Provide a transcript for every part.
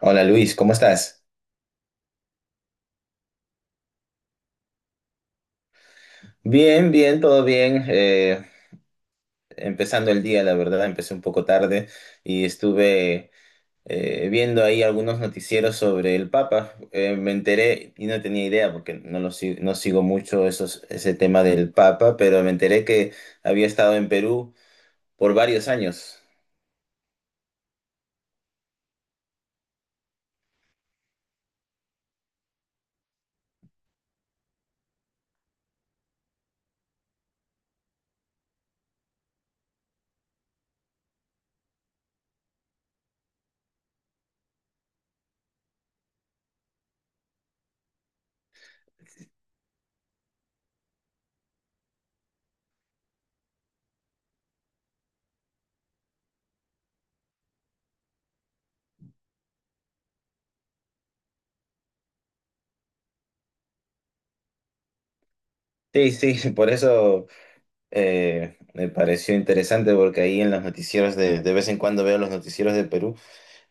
Hola Luis, ¿cómo estás? Bien, bien, todo bien. Empezando el día, la verdad, empecé un poco tarde y estuve viendo ahí algunos noticieros sobre el Papa. Me enteré y no tenía idea porque no sigo mucho ese tema del Papa, pero me enteré que había estado en Perú por varios años. Sí, sí, por eso me pareció interesante porque ahí en los noticieros de vez en cuando veo los noticieros de Perú.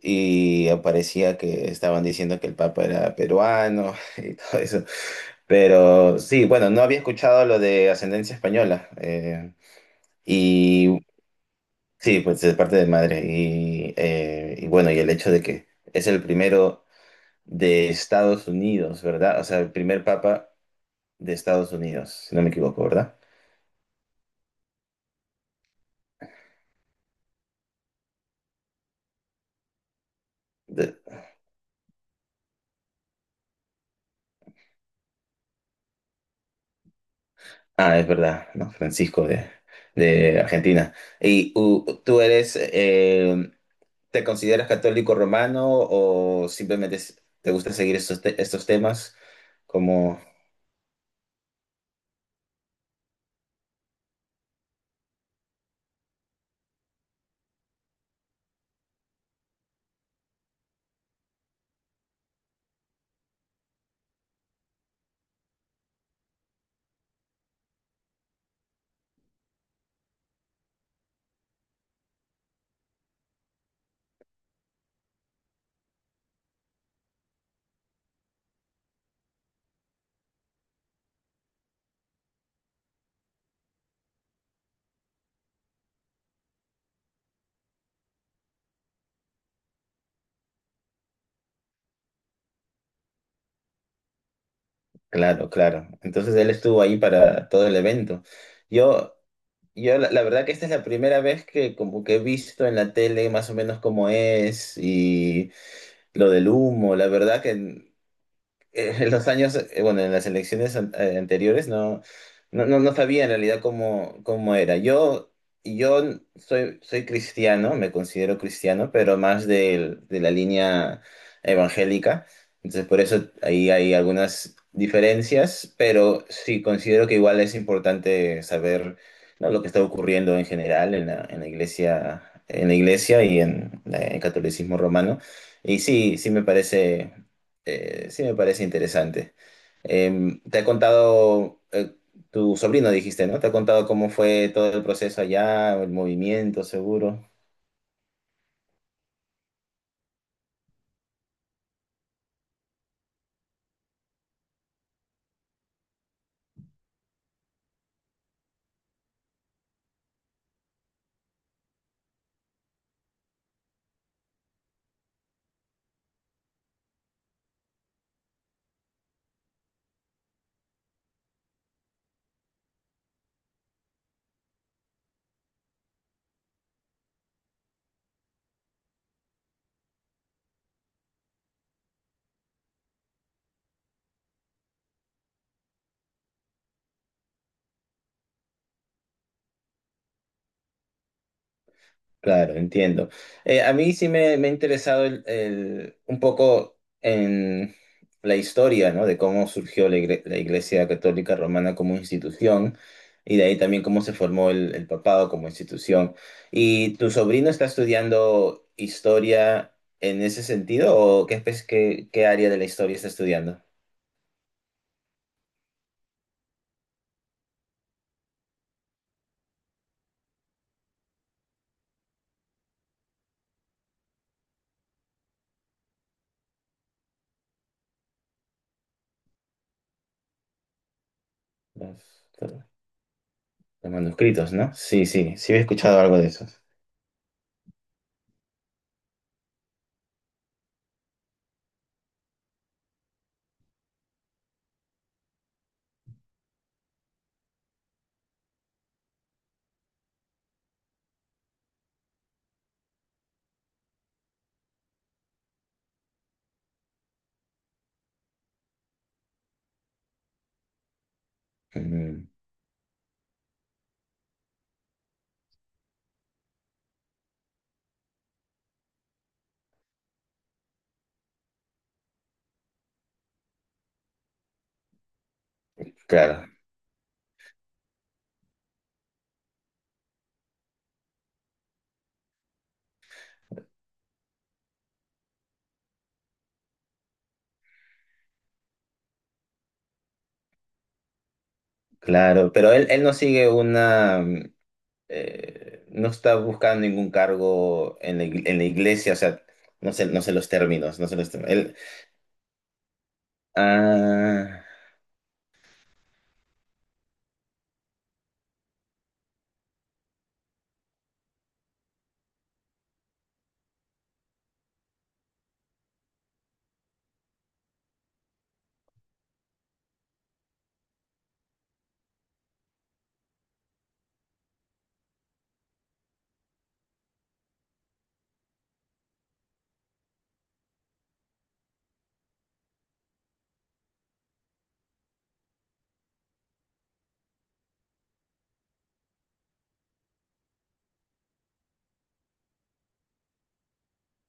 Y aparecía que estaban diciendo que el Papa era peruano y todo eso. Pero sí, bueno, no había escuchado lo de ascendencia española. Y sí, pues de parte de madre. Y bueno, y el hecho de que es el primero de Estados Unidos, ¿verdad? O sea, el primer Papa de Estados Unidos, si no me equivoco, ¿verdad? De- ah, es verdad, ¿no? Francisco de Argentina. Tú eres... ¿Te consideras católico romano o simplemente te gusta seguir estos temas? Como, claro, claro. Entonces él estuvo ahí para todo el evento. Yo, yo la verdad que esta es la primera vez que como que he visto en la tele más o menos cómo es y lo del humo. La verdad que en los años, bueno, en las elecciones anteriores no sabía en realidad cómo, cómo era. Yo soy, soy cristiano, me considero cristiano, pero más de la línea evangélica. Entonces, por eso ahí hay algunas diferencias, pero sí considero que igual es importante saber, ¿no? Lo que está ocurriendo en general en la iglesia y en en el catolicismo romano. Y sí, sí me parece interesante. Te ha contado, tu sobrino dijiste, ¿no? Te ha contado cómo fue todo el proceso allá, el movimiento, seguro. Claro, entiendo. A mí sí me ha interesado un poco en la historia, ¿no? De cómo surgió la Iglesia Católica Romana como institución y de ahí también cómo se formó el papado como institución. ¿Y tu sobrino está estudiando historia en ese sentido o qué, qué área de la historia está estudiando? Los, los manuscritos, ¿no? Sí, sí, sí he escuchado algo de eso. Mm, claro, claro, pero él no sigue una, no está buscando ningún cargo en en la iglesia, o sea, no sé, no sé los términos, no sé los términos. Él- ah,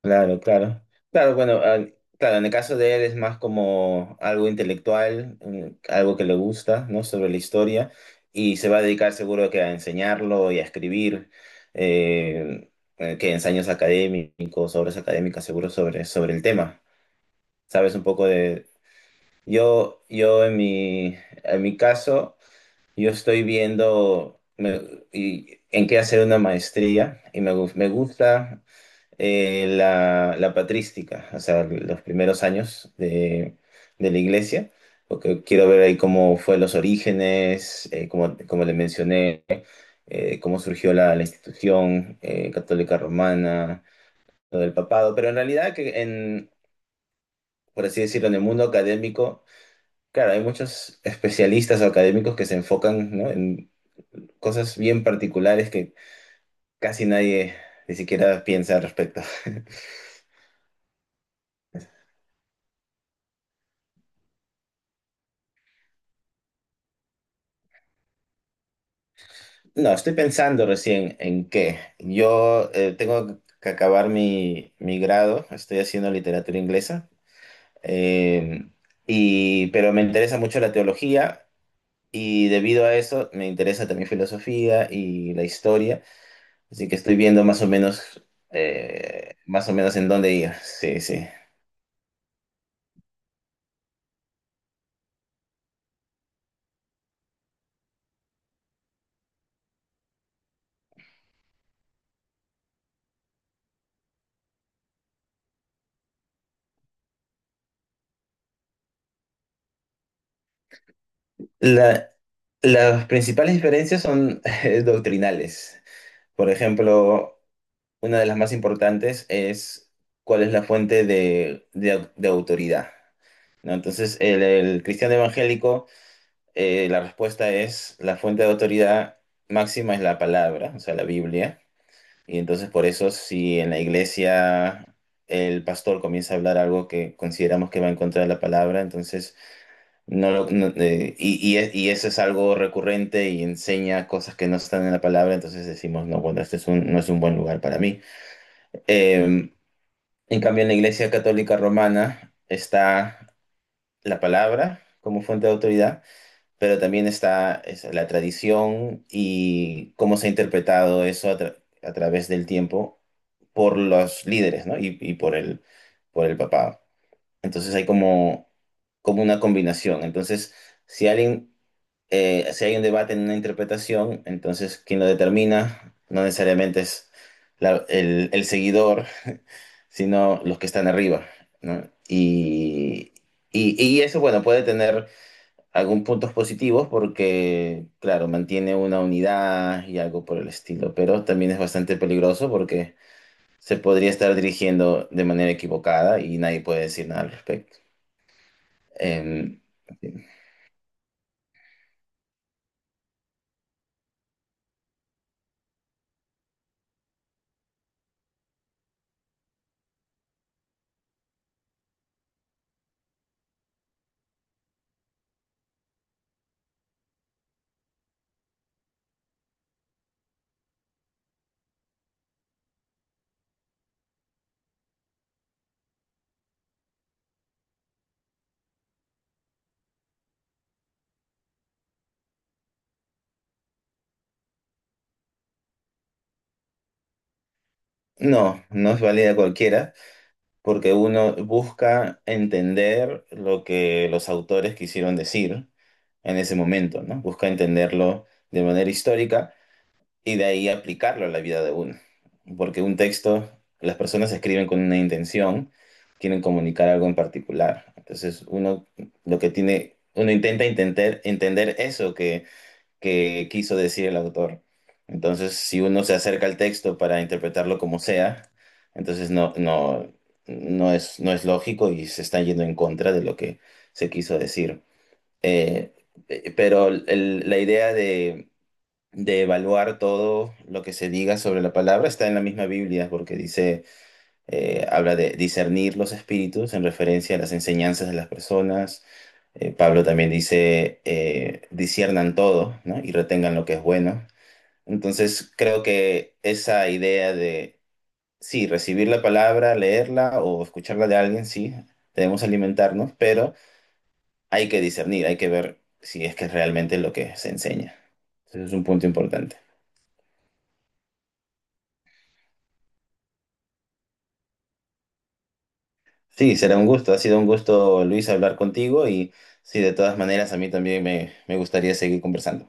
claro, claro. Claro, bueno, ah, claro, en el caso de él es más como algo intelectual, mm, algo que le gusta, ¿no? Sobre la historia, y se va a dedicar seguro que a enseñarlo y a escribir. eh, que ensayos académicos, obras académicas, seguro sobre, sobre el tema. ¿Sabes un poco de... Yo en mi caso, yo estoy en qué hacer una maestría y me, me gusta la, la patrística, o sea, los primeros años de la iglesia, porque quiero ver ahí cómo fue los orígenes, como, como le mencioné, cómo surgió la, la institución católica romana, lo del papado, pero en realidad que en, por así decirlo, en el mundo académico, claro, hay muchos especialistas o académicos que se enfocan, ¿no? Cosas bien particulares que casi nadie ni siquiera piensa al respecto. No, estoy pensando recién en qué. Yo tengo que acabar mi, mi grado, estoy haciendo literatura inglesa, eh, y, pero me interesa mucho la teología y debido a eso me interesa también filosofía y la historia, así que estoy viendo más o menos en dónde ir. Sí, sí. La- las principales diferencias son doctrinales. Por ejemplo, una de las más importantes es cuál es la fuente de, de autoridad, ¿no? Entonces, el cristiano evangélico, la respuesta es la fuente de autoridad máxima es la palabra, o sea, la Biblia. Y entonces, por eso, si en la iglesia el pastor comienza a hablar algo que consideramos que va en contra de la palabra, entonces, no, y y eso es algo recurrente y enseña cosas que no están en la palabra, entonces decimos, no, bueno, este es no es un buen lugar para mí. Eh, en cambio, en la Iglesia Católica Romana está la palabra como fuente de autoridad, pero también está es, la tradición y cómo se ha interpretado eso a, a través del tiempo por los líderes, ¿no? Y por el papado. Entonces hay como, como una combinación. Entonces, si alguien, si hay un debate en una interpretación, entonces quien lo determina no necesariamente es el seguidor sino los que están arriba, ¿no? Y eso, bueno, puede tener algunos puntos positivos porque, claro, mantiene una unidad y algo por el estilo, pero también es bastante peligroso porque se podría estar dirigiendo de manera equivocada y nadie puede decir nada al respecto. Em, no, no es válida cualquiera, porque uno busca entender lo que los autores quisieron decir en ese momento, ¿no? Busca entenderlo de manera histórica y de ahí aplicarlo a la vida de uno. Porque un texto, las personas escriben con una intención, quieren comunicar algo en particular. Entonces uno lo que tiene, uno intenta entender, entender eso que quiso decir el autor. Entonces si uno se acerca al texto para interpretarlo como sea, entonces no es, no es lógico y se está yendo en contra de lo que se quiso decir. Eh, pero la idea de evaluar todo lo que se diga sobre la palabra está en la misma Biblia, porque dice, habla de discernir los espíritus en referencia a las enseñanzas de las personas. Pablo también dice, disciernan todo, ¿no? Y retengan lo que es bueno. Entonces, creo que esa idea de, sí, recibir la palabra, leerla o escucharla de alguien, sí, debemos alimentarnos, pero hay que discernir, hay que ver si es que es realmente lo que se enseña. Entonces, es un punto importante. Sí, será un gusto. Ha sido un gusto, Luis, hablar contigo y sí, de todas maneras, a mí también me gustaría seguir conversando.